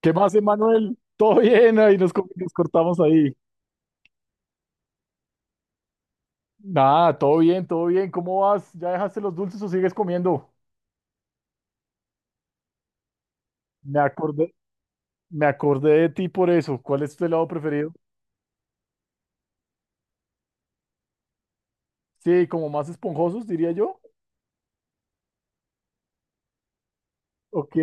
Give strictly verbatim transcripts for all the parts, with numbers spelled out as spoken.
¿Qué más, Emanuel? Todo bien, ahí nos, co- nos cortamos ahí. Nada, todo bien, todo bien. ¿Cómo vas? ¿Ya dejaste los dulces o sigues comiendo? Me acordé, me acordé de ti por eso. ¿Cuál es tu helado preferido? Sí, como más esponjosos, diría yo. Ok.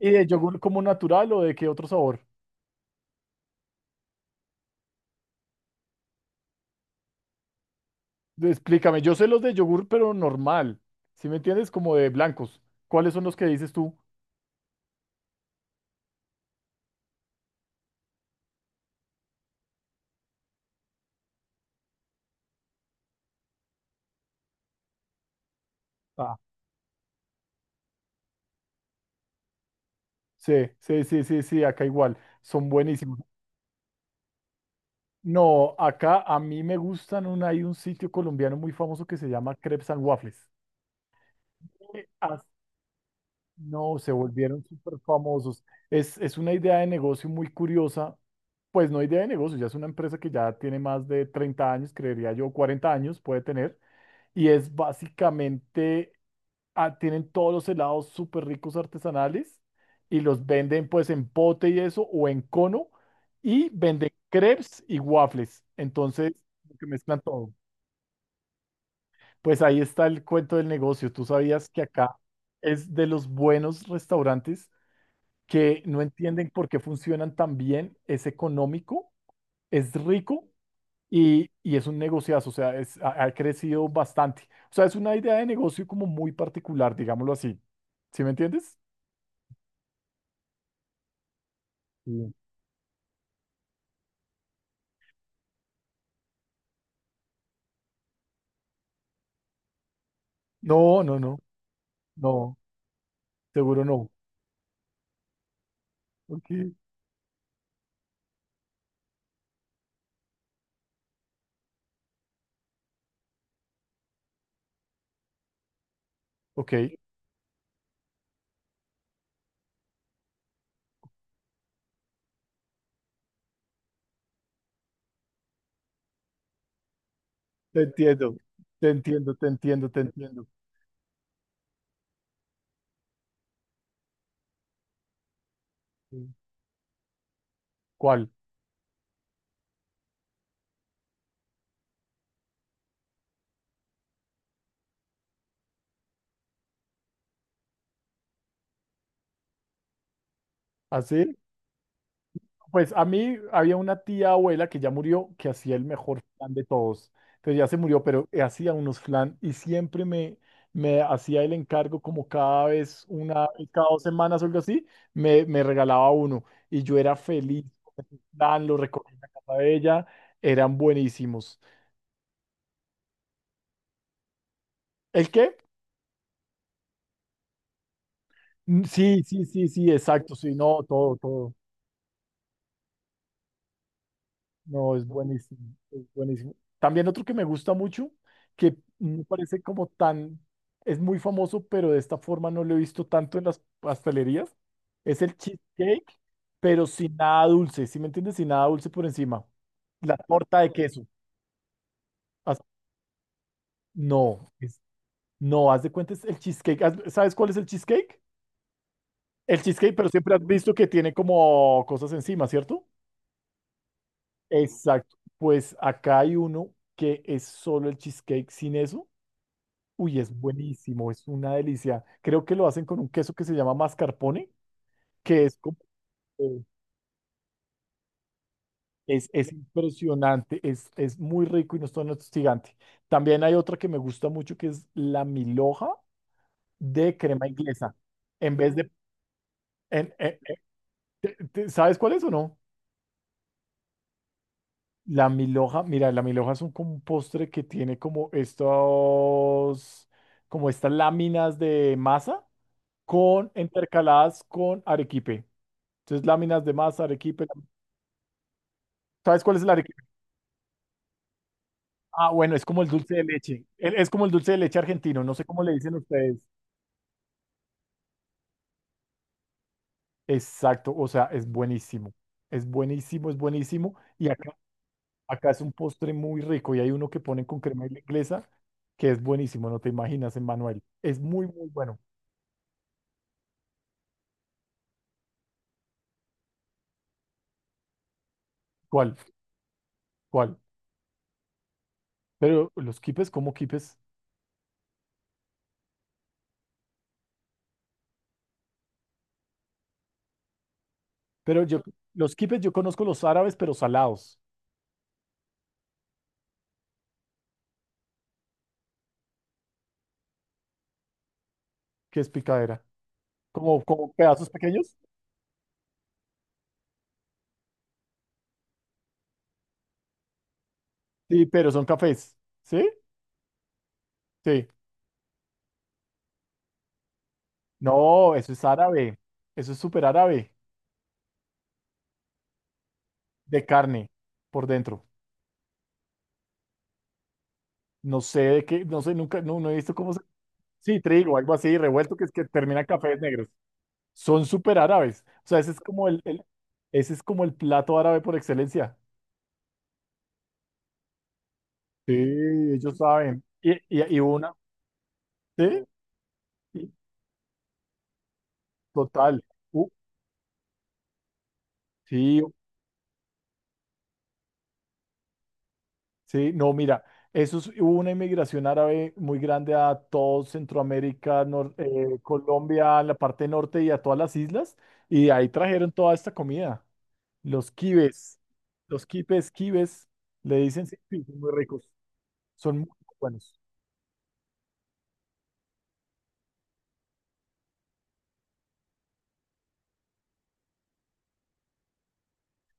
¿Y de yogur como natural o de qué otro sabor? Explícame, yo sé los de yogur, pero normal. ¿Sí me entiendes? Como de blancos. ¿Cuáles son los que dices tú? Ah, sí, sí, sí, sí, sí, acá igual. Son buenísimos. No, acá a mí me gustan, un, hay un sitio colombiano muy famoso que se llama Crepes and Waffles. Eh, as- No, se volvieron súper famosos. Es, es una idea de negocio muy curiosa. Pues no idea de negocio, ya es una empresa que ya tiene más de treinta años, creería yo, cuarenta años puede tener. Y es básicamente, ah, tienen todos los helados súper ricos artesanales y los venden pues en pote y eso o en cono y venden crepes y waffles. Entonces, como que mezclan todo. Pues ahí está el cuento del negocio. Tú sabías que acá es de los buenos restaurantes que no entienden por qué funcionan tan bien. Es económico, es rico y, y es un negociazo. O sea, es, ha, ha crecido bastante. O sea, es una idea de negocio como muy particular, digámoslo así. ¿Sí me entiendes? Sí. No, no, no, no, seguro no. Ok, ok, te entiendo, te entiendo, te entiendo, te entiendo. Sí. ¿Cuál? ¿Así? Pues a mí había una tía abuela que ya murió que hacía el mejor flan de todos. Entonces ya se murió, pero hacía unos flan y siempre me, me hacía el encargo como cada vez, una vez cada dos semanas o algo así, me, me regalaba uno. Y yo era feliz con ese flan, lo recogí en la casa de ella, eran buenísimos. ¿El qué? Mm, Sí, sí, sí, sí, exacto, sí, no, todo, todo. No, es buenísimo, es buenísimo. También otro que me gusta mucho, que no me parece como tan, es muy famoso, pero de esta forma no lo he visto tanto en las pastelerías, es el cheesecake, pero sin nada dulce, ¿sí me entiendes? Sin nada dulce por encima. La torta de queso. Haz- no, es- no, haz de cuenta es el cheesecake. Haz- ¿Sabes cuál es el cheesecake? El cheesecake, pero siempre has visto que tiene como cosas encima, ¿cierto? Exacto. Pues acá hay uno que es solo el cheesecake sin eso. Uy, es buenísimo, es una delicia. Creo que lo hacen con un queso que se llama mascarpone, que es como, eh, es, es impresionante, es, es muy rico y no es tan hostigante. También hay otra que me gusta mucho que es la milhoja de crema inglesa. En vez de, en- en- en- te- ¿Sabes cuál es o no? La milhoja, mira, la milhoja es un, como un postre que tiene como estos, como estas láminas de masa con intercaladas con arequipe. Entonces, láminas de masa, arequipe. ¿Sabes cuál es la arequipe? Ah, bueno, es como el dulce de leche. El- Es como el dulce de leche argentino, no sé cómo le dicen ustedes. Exacto, o sea, es buenísimo. Es buenísimo, es buenísimo. Y acá, acá es un postre muy rico y hay uno que ponen con crema inglesa que es buenísimo, no te imaginas, Emmanuel. Es muy, muy bueno. ¿Cuál? ¿Cuál? Pero los quipes, ¿cómo quipes? Pero yo, los quipes yo conozco los árabes, pero salados. ¿Qué es picadera? Como, como pedazos pequeños. Sí, pero son cafés. ¿Sí? Sí. No, eso es árabe. Eso es súper árabe. De carne por dentro. No sé de qué, no sé, nunca, no, no he visto cómo se. Sí, trigo, algo así, revuelto, que es que termina en cafés negros. Son súper árabes. O sea, ese es como el, el- ese es como el plato árabe por excelencia. Sí, ellos saben. Y, y, y una, sí, y- total. U- sí, sí, no, mira, eso es- hubo una inmigración árabe muy grande a todo Centroamérica, nor- eh, Colombia, la parte norte y a todas las islas, y de ahí trajeron toda esta comida. Los kibes, los kibes, kibes, le dicen, sí, sí, son muy ricos, son muy buenos.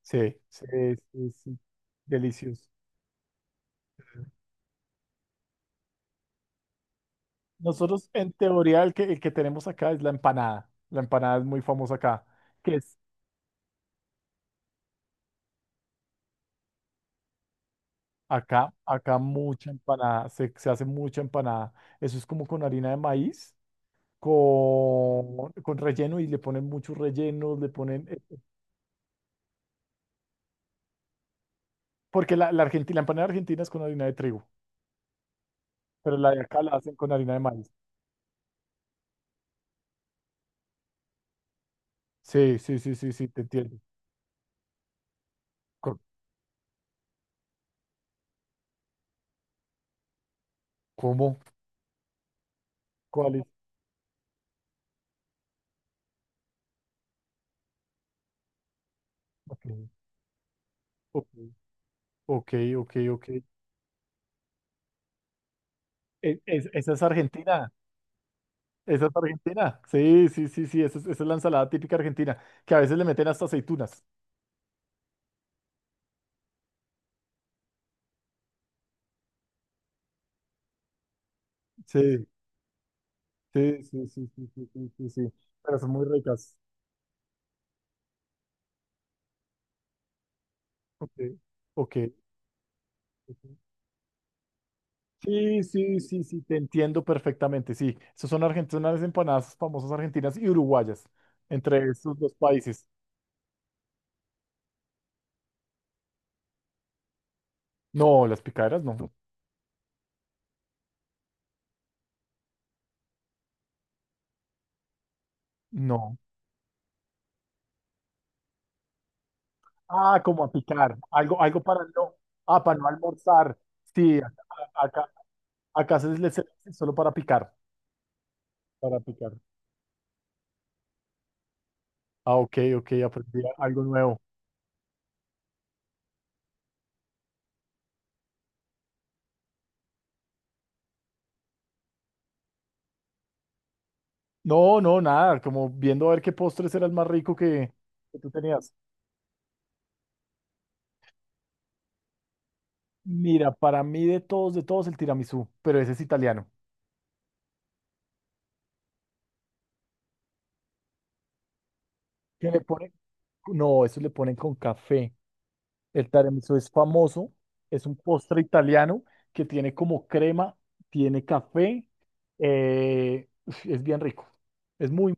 Sí, sí, sí, sí, deliciosos. Nosotros, en teoría, el que, el que tenemos acá es la empanada. La empanada es muy famosa acá. Que es Acá, acá mucha empanada, se, se hace mucha empanada. Eso es como con harina de maíz, con, con relleno y le ponen muchos rellenos. le ponen... eh, Porque la, la, argentina, la empanada argentina es con harina de trigo, pero la de acá la hacen con harina de maíz. Sí, sí, sí, sí, sí, te entiendo. Co- ¿Cómo? ¿Cuál es? Ok, ok, ok, ok. ok. E- es- esa es Argentina, esa es Argentina. Sí, sí, sí, sí, esa es, esa es la ensalada típica argentina, que a veces le meten hasta aceitunas. Sí. Sí, sí, sí, sí, sí, sí, sí, sí. Pero son muy ricas. Ok, ok. ok. Sí, sí, sí, sí, te entiendo perfectamente. Sí, esas son argentinas, las empanadas famosas argentinas y uruguayas, entre esos dos países. No, las picaderas no. No. Ah, como a picar. Algo, algo para no. Ah, para no almorzar. Sí, acá, acá, acá se les solo para picar. Para picar. Ah, ok, ok, aprendí algo nuevo. No, no, nada, como viendo a ver qué postres era el más rico que, que tú tenías. Mira, para mí de todos, de todos el tiramisú, pero ese es italiano. ¿Qué le ponen? No, eso le ponen con café. El tiramisú es famoso, es un postre italiano que tiene como crema, tiene café, eh, uf, es bien rico. Es muy...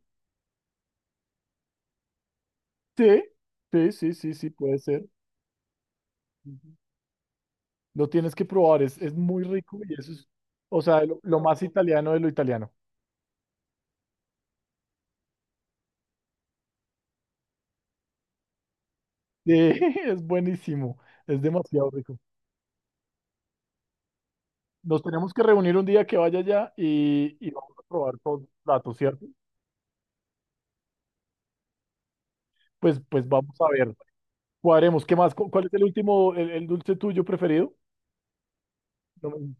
Sí, sí, sí, sí, sí, puede ser. Ujú. Lo tienes que probar, es, es muy rico y eso es, o sea, lo lo más italiano de lo italiano. Sí, es buenísimo, es demasiado rico. Nos tenemos que reunir un día que vaya allá y, y vamos a probar todos los platos, ¿cierto? Pues, pues vamos a ver, cuadremos, ¿qué más? ¿Cu- ¿Cuál es el último, el, el dulce tuyo preferido? No me-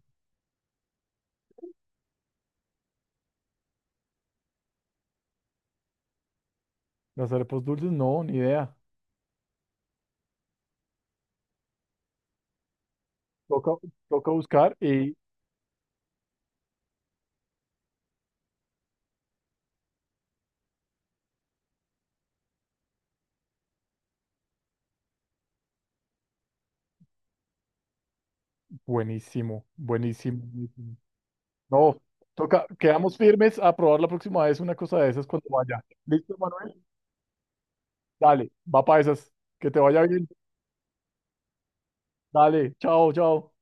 Las arepas dulces, no, ni idea. Toca, toca buscar y buenísimo, buenísimo, buenísimo. No, toca, quedamos firmes a probar la próxima vez una cosa de esas cuando vaya. ¿Listo, Manuel? Dale, va para esas. Que te vaya bien. Dale, chao, chao.